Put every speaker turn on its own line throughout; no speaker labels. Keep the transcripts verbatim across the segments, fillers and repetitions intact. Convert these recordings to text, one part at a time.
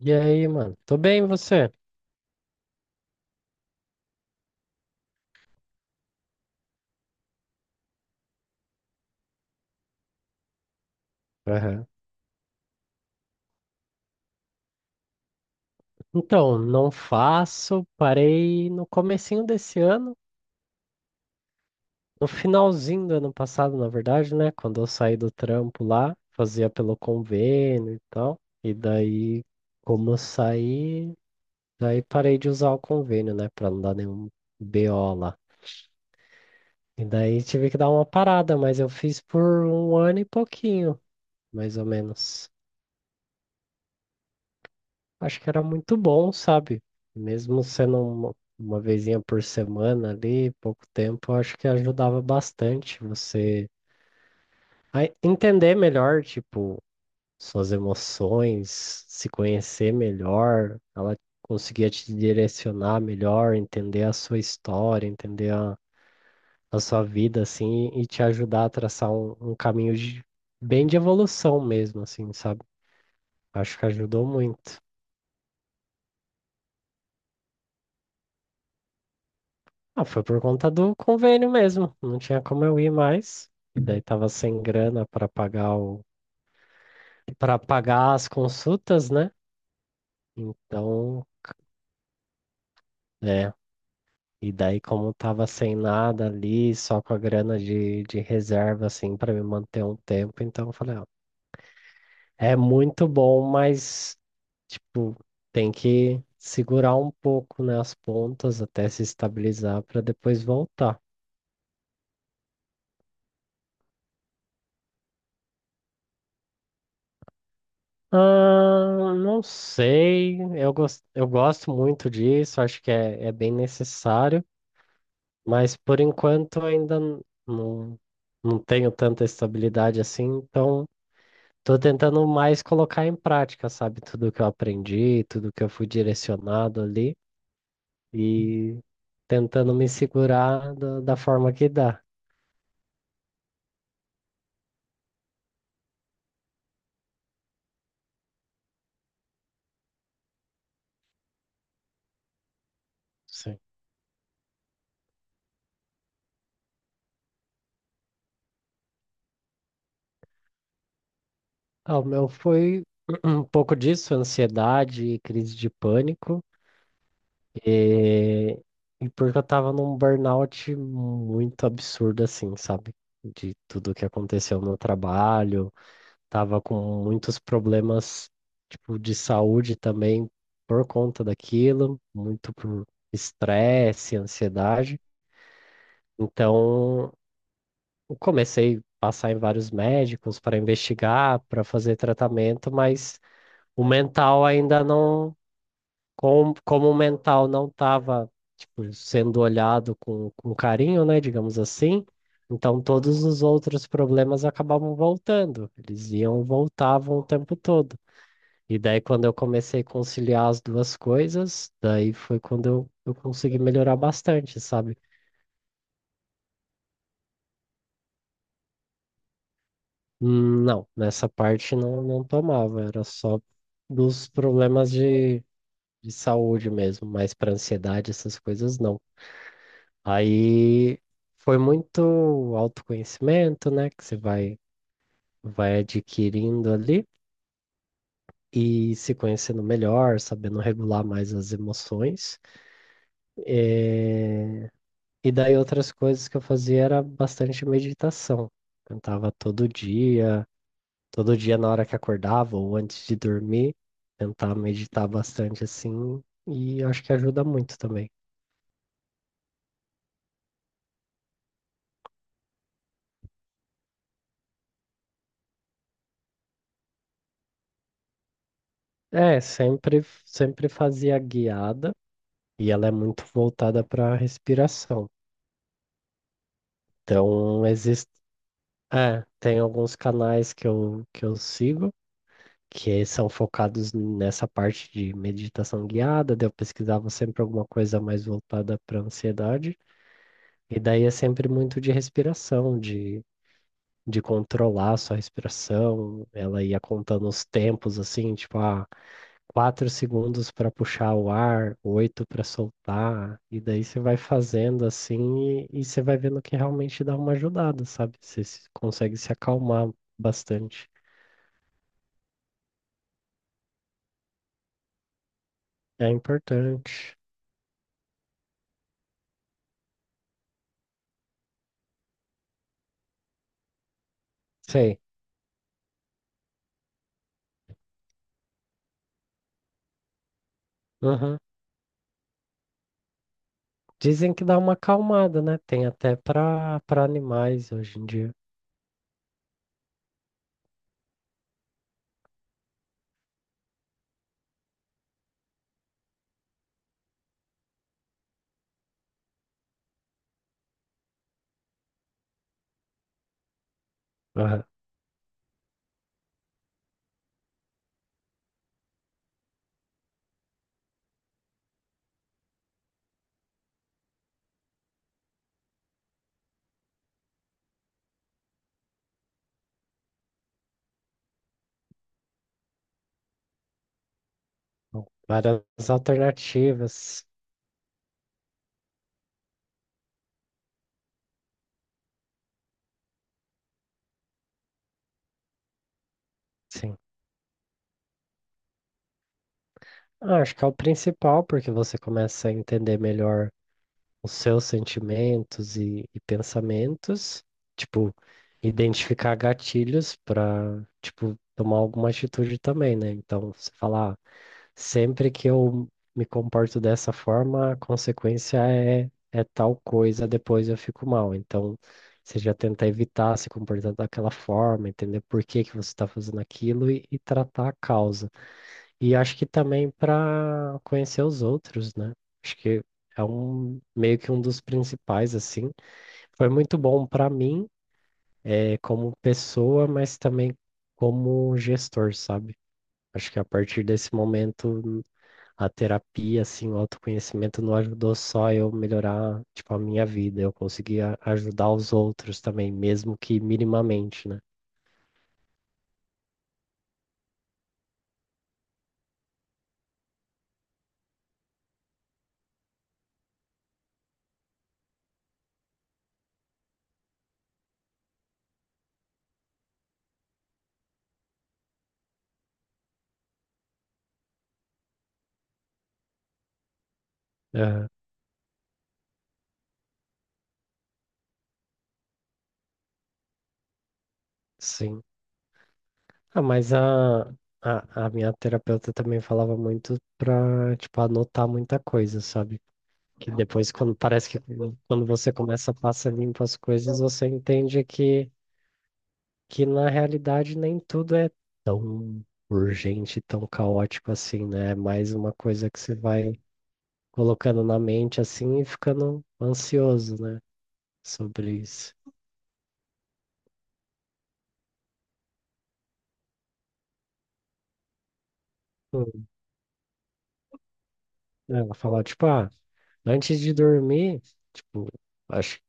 E aí, mano? Tô bem, e você? Aham. Então, não faço, parei no comecinho desse ano, no finalzinho do ano passado, na verdade, né? Quando eu saí do trampo lá, fazia pelo convênio e tal. E daí, como eu saí, daí parei de usar o convênio, né? Pra não dar nenhum B O lá. E daí tive que dar uma parada, mas eu fiz por um ano e pouquinho, mais ou menos. Acho que era muito bom, sabe? Mesmo sendo uma, uma vezinha por semana ali, pouco tempo, acho que ajudava bastante você a entender melhor, tipo, suas emoções, se conhecer melhor. Ela conseguia te direcionar melhor, entender a sua história, entender a, a sua vida, assim, e te ajudar a traçar um, um caminho de- bem de evolução mesmo, assim, sabe? Acho que ajudou muito. Ah, foi por conta do convênio mesmo. Não tinha como eu ir mais. E daí tava sem grana para pagar o para pagar as consultas, né? Então, é. E daí como tava sem nada ali, só com a grana de, de reserva assim para me manter um tempo, então eu falei, ó, é muito bom, mas tipo, tem que segurar um pouco, né, as pontas até se estabilizar para depois voltar. Ah, não sei, eu, gos- eu gosto muito disso, acho que é, é bem necessário, mas por enquanto ainda n- não, não tenho tanta estabilidade assim, então estou tentando mais colocar em prática, sabe, tudo que eu aprendi, tudo que eu fui direcionado ali e tentando me segurar da, da forma que dá. Sim. Ah, o meu foi um pouco disso, ansiedade e crise de pânico. E, e porque eu tava num burnout muito absurdo, assim, sabe? De tudo que aconteceu no trabalho, tava com muitos problemas, tipo, de saúde também por conta daquilo, muito por estresse, ansiedade. Então, eu comecei a passar em vários médicos para investigar, para fazer tratamento, mas o mental ainda não. Com, como o mental não estava, tipo, sendo olhado com, com carinho, né, digamos assim, então todos os outros problemas acabavam voltando. Eles iam, voltavam o tempo todo. E daí, quando eu comecei a conciliar as duas coisas, daí foi quando eu, eu consegui melhorar bastante, sabe? Hum, Não, nessa parte não, não tomava, era só dos problemas de, de saúde mesmo, mas para ansiedade, essas coisas não. Aí foi muito autoconhecimento, né, que você vai, vai adquirindo ali e se conhecendo melhor, sabendo regular mais as emoções. É, E daí outras coisas que eu fazia era bastante meditação. Tentava todo dia, Todo dia na hora que acordava ou antes de dormir, tentar meditar bastante assim, e acho que ajuda muito também. É, sempre sempre fazia guiada e ela é muito voltada para a respiração. Então, existe, é, Tem alguns canais que eu, que eu sigo que são focados nessa parte de meditação guiada. Daí eu pesquisava sempre alguma coisa mais voltada para ansiedade, e daí é sempre muito de respiração, de, de controlar a sua respiração. Ela ia contando os tempos, assim, tipo, ah, quatro segundos para puxar o ar, oito para soltar, e daí você vai fazendo assim e, e você vai vendo que realmente dá uma ajudada, sabe? Você se- Consegue se acalmar bastante. É importante. Sei. Uhum. Dizem que dá uma acalmada, né? Tem até para para animais hoje em dia. Aham. Bom, várias alternativas. Sim. Ah, acho que é o principal, porque você começa a entender melhor os seus sentimentos e, e pensamentos, tipo, identificar gatilhos para, tipo, tomar alguma atitude também, né? Então, você falar, sempre que eu me comporto dessa forma, a consequência é, é tal coisa, depois eu fico mal. Então, você já tenta evitar se comportar daquela forma, entender por que que você está fazendo aquilo e, e tratar a causa. E acho que também para conhecer os outros, né? Acho que é um meio que um dos principais, assim. Foi muito bom para mim, eh, como pessoa, mas também como gestor, sabe? Acho que a partir desse momento, a terapia, assim, o autoconhecimento não ajudou só eu melhorar, tipo, a minha vida. Eu conseguia ajudar os outros também, mesmo que minimamente, né? Aham, sim. Ah, mas a, a, a minha terapeuta também falava muito pra, tipo, anotar muita coisa, sabe? Que depois, quando parece que quando quando você começa a passar limpo as coisas, você entende que, que na realidade nem tudo é tão urgente, tão caótico assim, né? É mais uma coisa que você vai colocando na mente assim e ficando ansioso, né? Sobre isso. Hum, ela falava, tipo, ah, antes de dormir, tipo, acho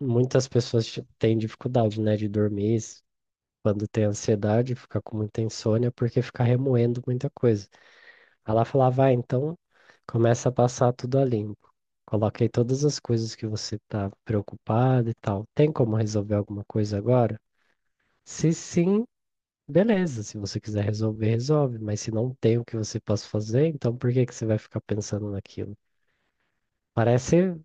muitas pessoas ti- têm dificuldade, né, de dormir s- quando tem ansiedade, fica com muita insônia, porque fica remoendo muita coisa. Ela falava, ah, então começa a passar tudo a limpo. Coloquei todas as coisas que você está preocupado e tal. Tem como resolver alguma coisa agora? Se sim, beleza. Se você quiser resolver, resolve. Mas se não tem o que você possa fazer, então por que que você vai ficar pensando naquilo? Parece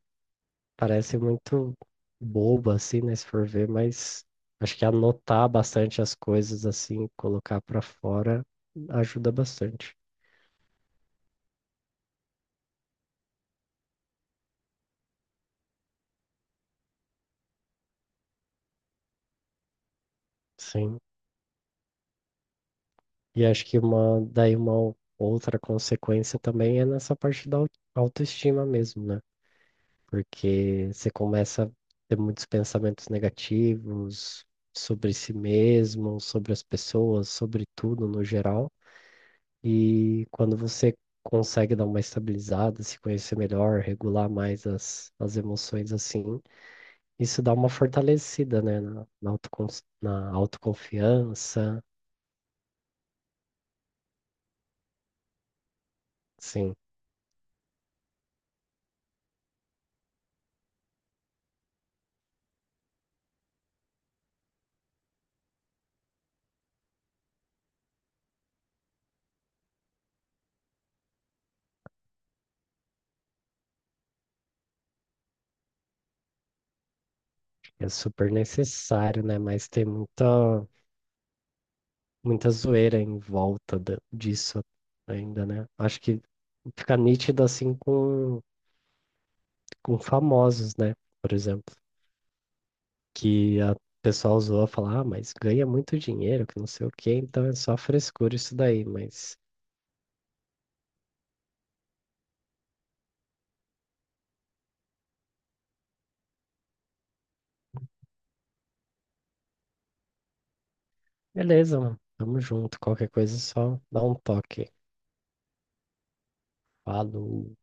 parece muito boba, assim, né? Se for ver, mas acho que anotar bastante as coisas, assim, colocar pra fora, ajuda bastante. Sim. E acho que uma, daí uma outra consequência também é nessa parte da au- autoestima mesmo, né? Porque você começa a ter muitos pensamentos negativos sobre si mesmo, sobre as pessoas, sobre tudo no geral. E quando você consegue dar uma estabilizada, se conhecer melhor, regular mais as, as emoções assim, isso dá uma fortalecida, né? Na, na, autocon- na autoconfiança, sim, é super necessário, né? Mas tem muita, muita zoeira em volta da- disso ainda, né? Acho que fica nítido assim com, com famosos, né? Por exemplo. Que a pessoa usou a falar, ah, mas ganha muito dinheiro, que não sei o quê, então é só frescura isso daí, mas beleza, mano, tamo junto, qualquer coisa é só dá um toque. Falou.